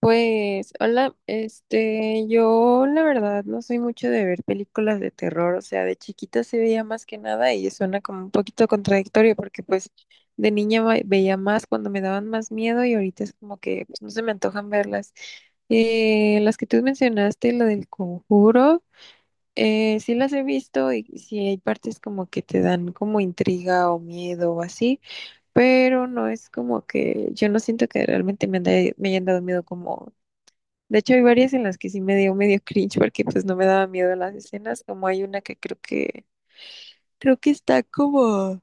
Pues, hola, yo la verdad no soy mucho de ver películas de terror, o sea, de chiquita se veía más que nada y suena como un poquito contradictorio porque pues de niña veía más cuando me daban más miedo y ahorita es como que pues, no se me antojan verlas. Las que tú mencionaste, la del Conjuro, sí las he visto y sí hay partes como que te dan como intriga o miedo o así, pero no es como que yo no siento que realmente me hayan dado miedo. Como de hecho, hay varias en las que sí me dio medio cringe porque pues no me daba miedo las escenas, como hay una que creo que está como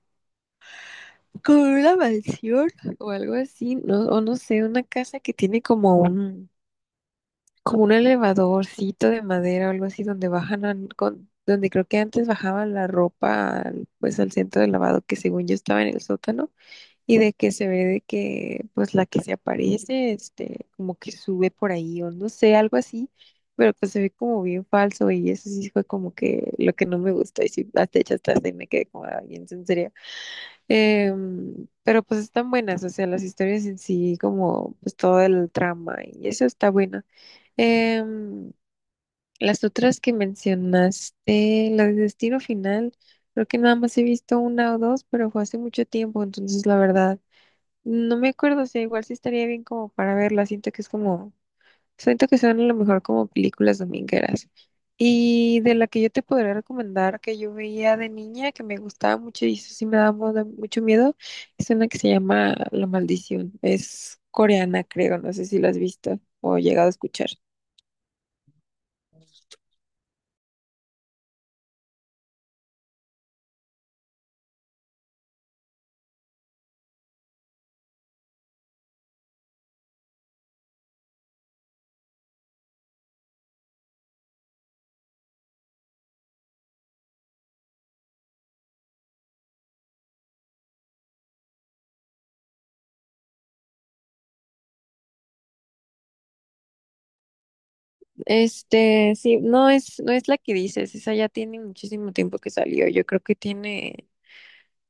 en una mansión o algo así, no o no sé, una casa que tiene como un elevadorcito de madera o algo así donde bajan an- con donde creo que antes bajaban la ropa pues al centro de lavado que según yo estaba en el sótano y de que se ve de que pues la que se aparece, este, como que sube por ahí o no sé, algo así, pero pues se ve como bien falso y eso sí fue como que lo que no me gustó y sí, hasta hecha hasta ahí me quedé como, ay, en serio. Pero pues están buenas, o sea, las historias en sí, como pues todo el trama y eso está bueno. Em, las otras que mencionaste, la de Destino Final, creo que nada más he visto una o dos, pero fue hace mucho tiempo, entonces la verdad. No me acuerdo, o sea, igual sí estaría bien como para verla. Siento que es como, siento que son a lo mejor como películas domingueras. Y de la que yo te podría recomendar que yo veía de niña, que me gustaba mucho y eso sí me daba mucho miedo, es una que se llama La Maldición. Es coreana, creo, no sé si la has visto o llegado a escuchar. Este, sí, no es la que dices, esa ya tiene muchísimo tiempo que salió. Yo creo que tiene.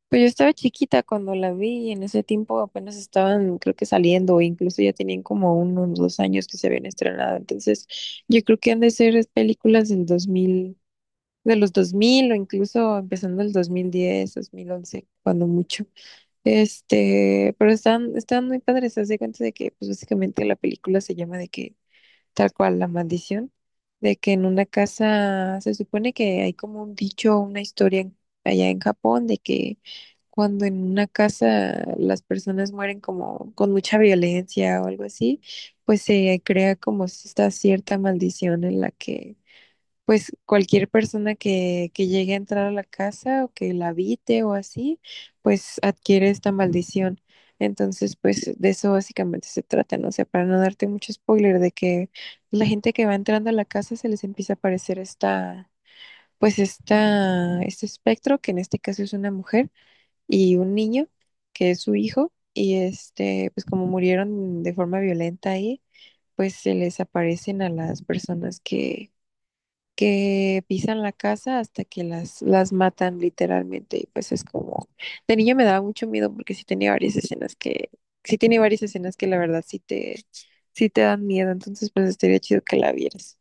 Pues yo estaba chiquita cuando la vi y en ese tiempo apenas estaban, creo que saliendo, o incluso ya tenían como unos dos años que se habían estrenado. Entonces, yo creo que han de ser es películas del 2000, de los 2000 o incluso empezando el 2010, 2011, cuando mucho. Este, pero están muy padres. Se de cuenta de que, pues básicamente la película se llama de que tal cual la maldición, de que en una casa se supone que hay como un dicho, allá en Japón de que cuando en una casa las personas mueren como con mucha violencia o algo así, pues se crea como esta cierta maldición en la que pues cualquier persona que llegue a entrar a la casa o que la habite o así, pues adquiere esta maldición. Entonces, pues de eso básicamente se trata, ¿no? O sea, para no darte mucho spoiler de que la gente que va entrando a la casa se les empieza a aparecer esta, este espectro, que en este caso es una mujer y un niño, que es su hijo, y este, pues como murieron de forma violenta ahí, pues se les aparecen a las personas que pisan la casa hasta que las matan literalmente. Y pues es como, de niño me daba mucho miedo porque sí tenía varias escenas que, sí tiene varias escenas que la verdad sí sí te dan miedo. Entonces pues estaría chido que la vieras.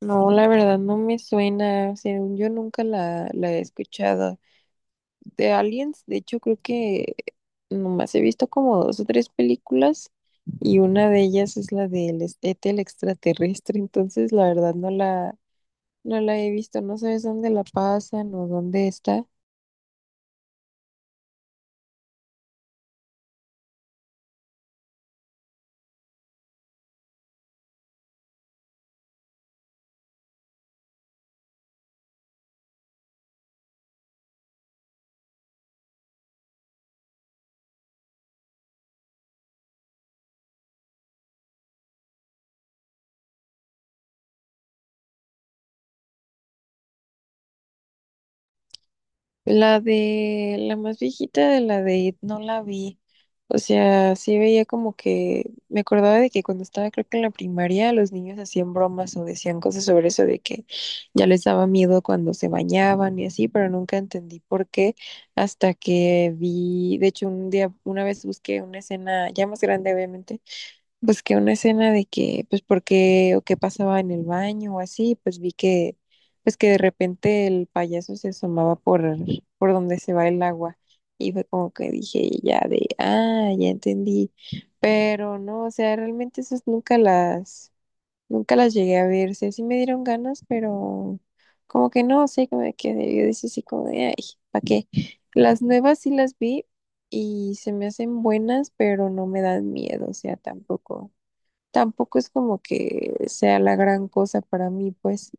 No, la verdad no me suena, según yo nunca la he escuchado. De Aliens, de hecho creo que nomás he visto como dos o tres películas y una de ellas es la ET el extraterrestre, entonces la verdad no la he visto, no sabes dónde la pasan o dónde está. La de la más viejita de la de It no la vi. O sea, sí veía como que me acordaba de que cuando estaba creo que en la primaria los niños hacían bromas o decían cosas sobre eso de que ya les daba miedo cuando se bañaban y así, pero nunca entendí por qué hasta que vi, de hecho un día una vez busqué una escena ya más grande obviamente. Pues que una escena de que, pues porque, o qué pasaba en el baño o así, pues vi que, pues que de repente el payaso se asomaba por donde se va el agua. Y fue como que dije ya de, ah, ya entendí. Pero no, o sea, realmente esas nunca las llegué a ver. O sea, sí me dieron ganas, pero como que no, sé, como que me quedé, yo decía así como de, ay, ¿para qué? Las nuevas sí las vi y se me hacen buenas, pero no me dan miedo, o sea, tampoco. Tampoco es como que sea la gran cosa para mí, pues,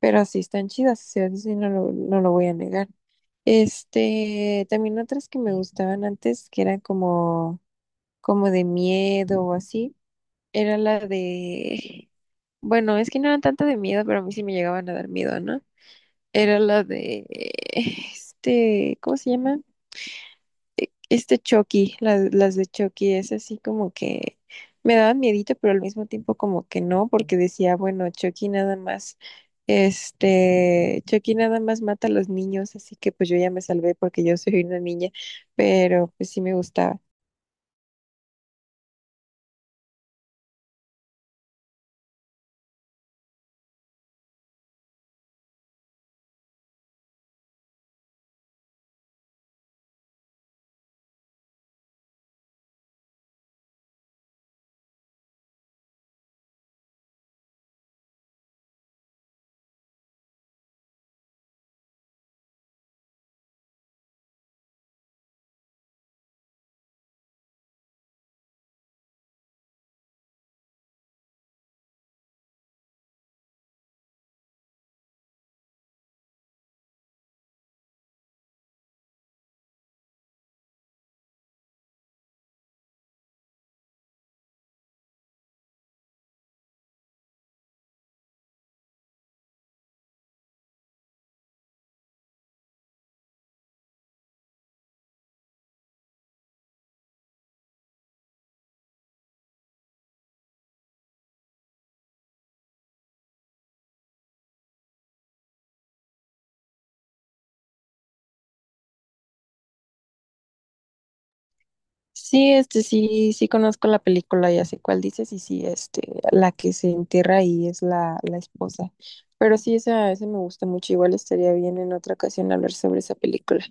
pero sí están chidas, o sea, eso sí no lo voy a negar. También otras que me gustaban antes, que eran como, como de miedo o así, era la de, bueno, es que no eran tanto de miedo, pero a mí sí me llegaban a dar miedo, ¿no? Era la de, este, ¿cómo se llama? Este Chucky, las de Chucky, es así como que me daba miedito, pero al mismo tiempo como que no, porque decía, bueno, Chucky nada más, este, Chucky nada más mata a los niños, así que pues yo ya me salvé porque yo soy una niña, pero pues sí me gustaba. Sí, este, sí conozco la película, ya sé cuál dices, y sí, este, la que se entierra ahí es la esposa. Pero sí, esa me gusta mucho, igual estaría bien en otra ocasión hablar sobre esa película.